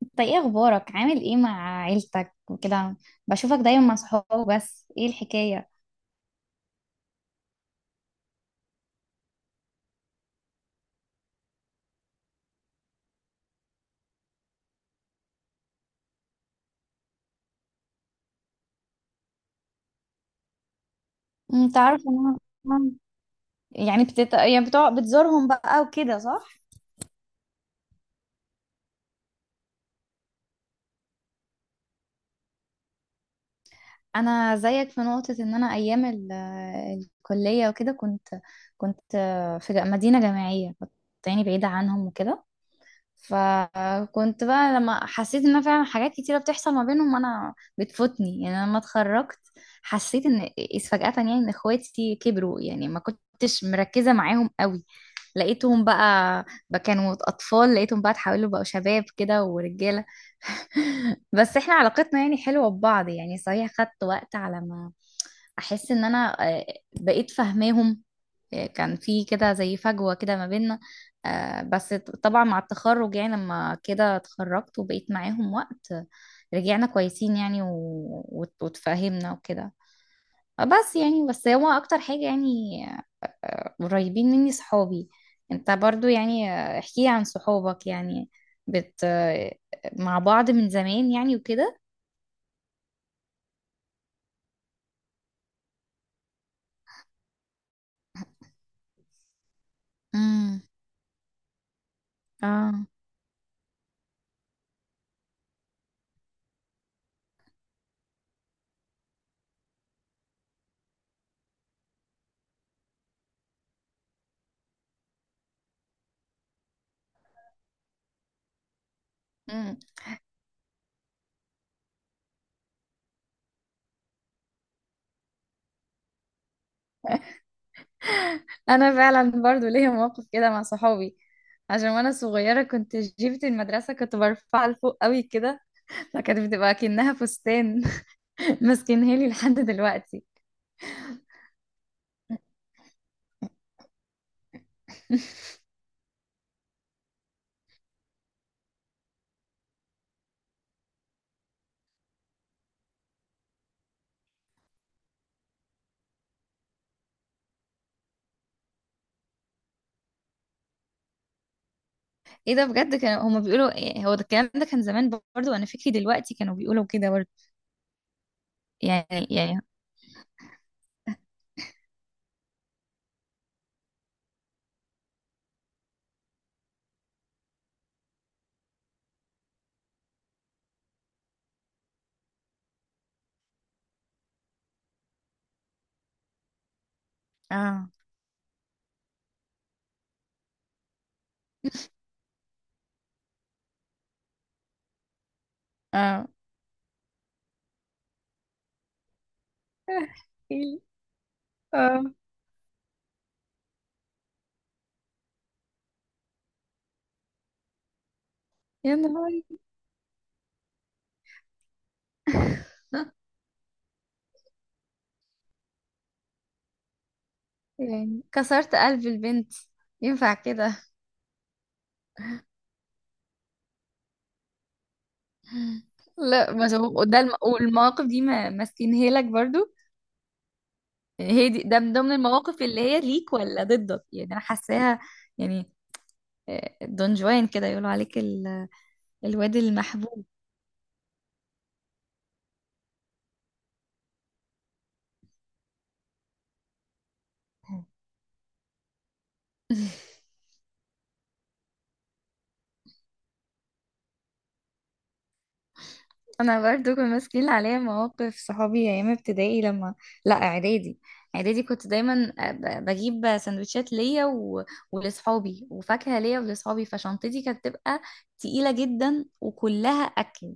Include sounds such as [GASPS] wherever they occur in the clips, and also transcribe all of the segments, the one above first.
طيب، ايه اخبارك؟ عامل ايه مع عيلتك وكده؟ بشوفك دايما مع صحابه، بس ايه الحكاية؟ تعرف ان انا يعني بتزورهم بقى وكده، صح؟ انا زيك في نقطة، ان انا ايام الكلية وكده كنت في مدينة جامعية، كنت يعني بعيدة عنهم وكده. فكنت بقى لما حسيت ان أنا فعلا حاجات كتيره بتحصل ما بينهم انا بتفوتني، يعني انا لما اتخرجت حسيت ان إذ فجأة يعني ان اخواتي كبروا، يعني ما كنتش مركزه معاهم قوي. لقيتهم بقى بقى كانوا اطفال، لقيتهم بقى اتحولوا بقوا شباب كده ورجاله. [LAUGHS] بس احنا علاقتنا يعني حلوه ببعض، يعني صحيح خدت وقت على ما احس ان انا بقيت فاهماهم. كان في كده زي فجوة كده ما بيننا. بس طبعا مع التخرج يعني لما كده اتخرجت وبقيت معاهم وقت، رجعنا كويسين يعني واتفاهمنا وكده. بس يعني، بس هو اكتر حاجة يعني قريبين مني صحابي. انت برضو يعني، احكي عن صحابك، يعني بت آه، مع بعض من زمان يعني وكده. امم. اه، انا فعلا برضو ليا موقف كده مع صحابي، عشان وانا صغيره كنت جيبة المدرسه كنت برفعها لفوق قوي كده، فكانت بتبقى كأنها فستان. [LAUGHS] ماسكينها لي لحد دلوقتي. ايه ده بجد؟ كانوا هما بيقولوا إيه؟ هو ده الكلام ده كان زمان؟ برضو انا فكري دلوقتي كانوا بيقولوا كده برضو. يعني اه، اه. [LAUGHS] احكيلي. اه. يا نهاري! [LAUGHS] يعني كسرت قلب البنت، ينفع كده؟ [LAUGHS] لا، ما هو ده والمواقف دي ما ماسكينها لك برضو. هي دي، ده من ضمن المواقف اللي هي ليك ولا ضدك؟ يعني انا حاساها، يعني دون جوان كده يقولوا عليك الواد المحبوب. [LAUGHS] انا برضو كنت ماسكين عليا مواقف صحابي ايام ابتدائي، لما... لا، اعدادي. اعدادي كنت دايما بجيب سندوتشات ليا و... ولاصحابي، وفاكهه ليا ولاصحابي، فشنطتي كانت تبقى تقيله جدا وكلها اكل.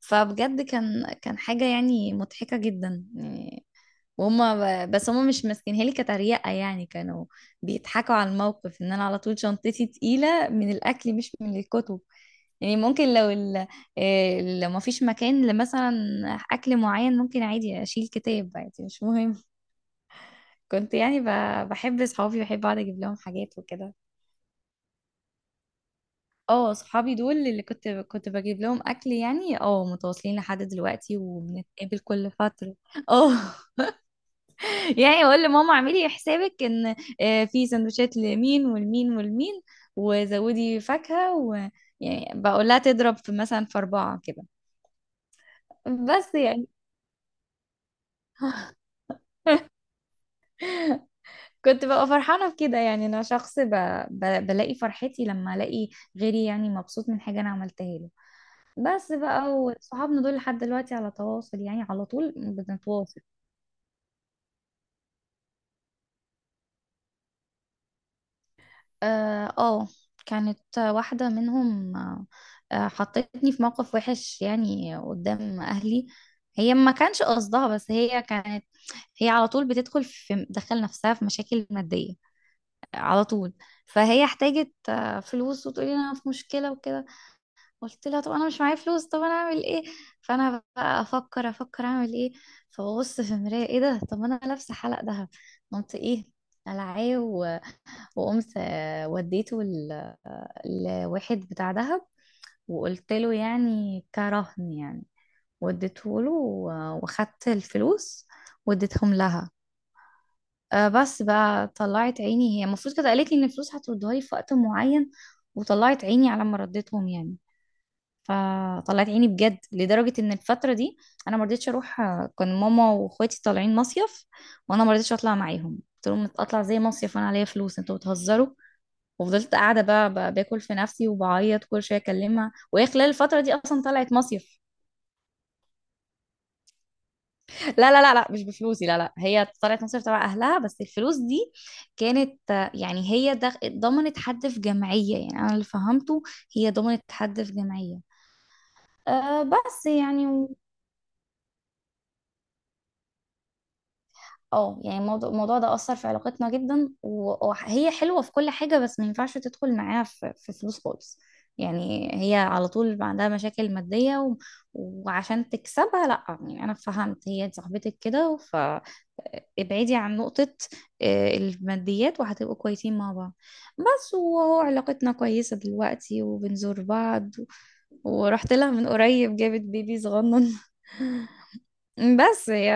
فبجد كان حاجه يعني مضحكه جدا يعني. وهم بس هم مش ماسكينها لي كتريقة، يعني كانوا بيضحكوا على الموقف ان انا على طول شنطتي تقيلة من الاكل مش من الكتب. يعني ممكن لو لو ما فيش مكان لمثلا اكل معين، ممكن عادي اشيل كتاب، عادي مش مهم. كنت يعني بحب صحابي، بحب اقعد اجيب لهم حاجات وكده. اه، صحابي دول اللي كنت بجيب لهم اكل يعني. اه، متواصلين لحد دلوقتي وبنتقابل كل فترة. اه. يعني اقول لماما اعملي حسابك ان في سندوتشات لمين والمين والمين، وزودي فاكهة، ويعني بقول لها تضرب في مثلا في أربعة كده. بس يعني كنت ببقى فرحانة في كده. يعني أنا شخص بلاقي فرحتي لما ألاقي غيري يعني مبسوط من حاجة أنا عملتها له. بس بقى، وصحابنا دول لحد دلوقتي على تواصل، يعني على طول بنتواصل. اه. كانت واحدة منهم، حطتني في موقف وحش يعني قدام أهلي. هي ما كانش قصدها، بس هي على طول بتدخل في دخل نفسها في مشاكل مادية على طول. فهي احتاجت فلوس، وتقولي انا في مشكلة وكده. قلت لها، طب انا مش معايا فلوس، طب انا اعمل ايه؟ فانا بقى افكر افكر اعمل ايه. فببص في المراية، ايه ده؟ طب انا لابسة حلق دهب! قمت ايه؟ قلعاه وقمت وديته لواحد بتاع دهب، وقلت له يعني كرهن يعني. واديته له، واخدت الفلوس، واديتهم لها. بس بقى طلعت عيني. هي المفروض كانت قالت لي ان الفلوس هتردها لي في وقت معين، وطلعت عيني على ما رديتهم يعني. فطلعت عيني بجد لدرجة ان الفترة دي انا ما رضيتش اروح. كان ماما واخواتي طالعين مصيف، وانا ما رضيتش اطلع معاهم، قلت لهم اطلع زي مصيف وانا عليا فلوس؟ انتوا بتهزروا. وفضلت قاعدة بقى باكل في نفسي وبعيط، كل شوية اكلمها وهي خلال الفترة دي اصلا طلعت مصيف. [LAUGHS] لا، لا، لا، لا، مش بفلوسي. لا، لا، هي طلعت مصيف تبع اهلها. بس الفلوس دي كانت يعني هي ضمنت حد في جمعية، يعني انا اللي فهمته هي ضمنت حد في جمعية. أه، بس يعني. اه، يعني الموضوع ده أثر في علاقتنا جدا، وهي حلوة في كل حاجة، بس ما ينفعش تدخل معاها في فلوس خالص. يعني هي على طول عندها مشاكل مادية و... وعشان تكسبها، لا يعني، أنا فهمت هي دي صاحبتك كده، ف ابعدي عن نقطة الماديات وهتبقوا كويسين مع بعض. بس، وهو علاقتنا كويسة دلوقتي وبنزور بعض و... ورحت لها من قريب، جابت بيبي صغنن. بس هي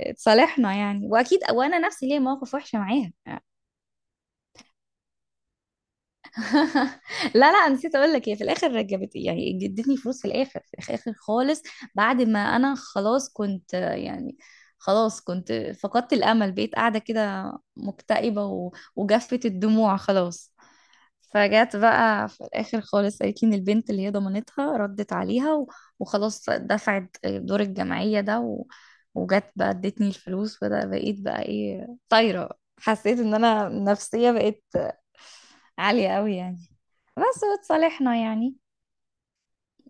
اتصالحنا يعني، واكيد وانا نفسي ليا مواقف وحشه معاها. [LAUGHS] لا، لا، نسيت اقول لك، هي في الاخر رجبت يعني، ادتني فلوس في الاخر، في الاخر خالص. بعد ما انا خلاص كنت فقدت الامل، بقيت قاعده كده مكتئبه وجفت الدموع خلاص. فجت بقى في الاخر خالص، قالت لي ان البنت اللي هي ضمنتها ردت عليها وخلاص دفعت دور الجمعية ده و... وجت بقى ادتني الفلوس، وده بقيت بقى ايه، طايرة. حسيت ان انا نفسية بقيت عالية قوي يعني، بس وتصالحنا يعني.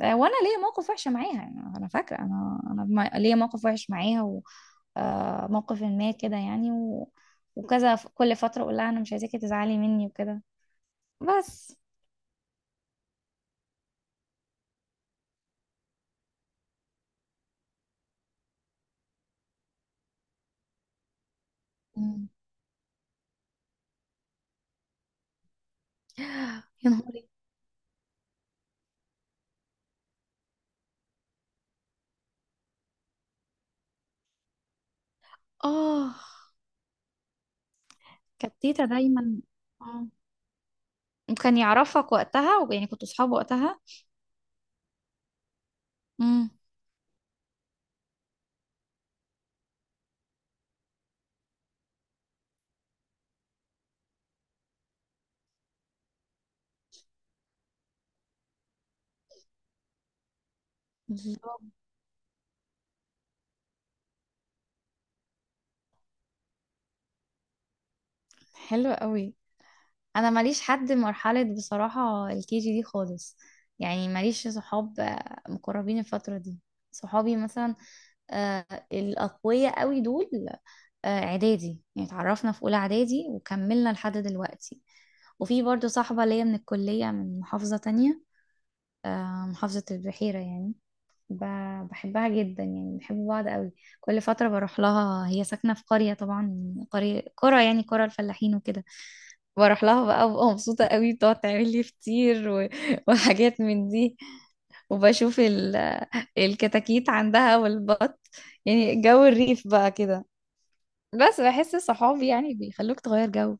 وانا ليا موقف وحش معاها، يعني انا فاكرة انا انا ما- ليا موقف وحش معاها و... موقف ما كده يعني و... وكذا كل فترة اقول لها انا مش عايزاكي تزعلي مني وكده، بس. [GASPS] يا نهاري! اه، كانت تيتا دايما. اه. وكان يعرفك وقتها، ويعني كنتوا صحاب وقتها؟ امم. بالظبط. حلو قوي. انا ماليش حد مرحله بصراحه الـ KG دي خالص، يعني ماليش صحاب مقربين الفتره دي. صحابي مثلا آه، الاقوياء قوي دول، اعدادي، يعني اتعرفنا في اولى اعدادي وكملنا لحد دلوقتي. وفي برضو صاحبه ليا من الكليه من محافظه تانية، محافظه البحيره يعني. بحبها جدا، يعني بنحب بعض قوي. كل فترة بروح لها، هي ساكنة في قرية، طبعا قرية، قرى يعني قرى الفلاحين وكده. بروح لها بقى وببقى مبسوطة قوي، بتقعد تعمل لي فطير و... [LAUGHS] وحاجات من دي، وبشوف الكتاكيت عندها والبط، يعني جو الريف بقى كده. بس بحس صحابي يعني بيخلوك تغير جو.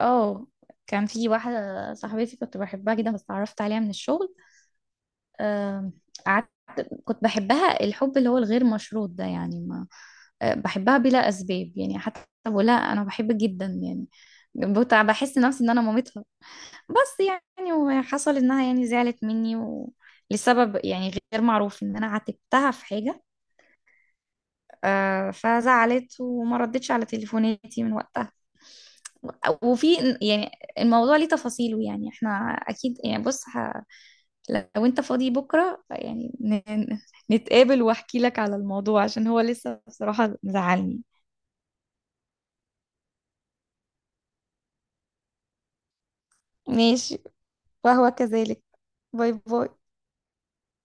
اه، كان في واحدة صاحبتي كنت بحبها جدا، بس اتعرفت عليها من الشغل. آم، قعدت كنت بحبها الحب اللي هو الغير مشروط ده، يعني ما بحبها بلا أسباب يعني، حتى ولا أنا بحبك جدا يعني. بحس نفسي إن أنا مامتها. بس يعني، وحصل إنها يعني زعلت مني و... لسبب يعني غير معروف، إن أنا عاتبتها في حاجة. فزعلت وما ردتش على تليفوناتي من وقتها، وفي يعني الموضوع ليه تفاصيله، يعني احنا اكيد يعني. بص، لو انت فاضي بكرة يعني نتقابل واحكي لك على الموضوع، عشان هو لسه بصراحة مزعلني. ماشي، وهو كذلك. باي باي.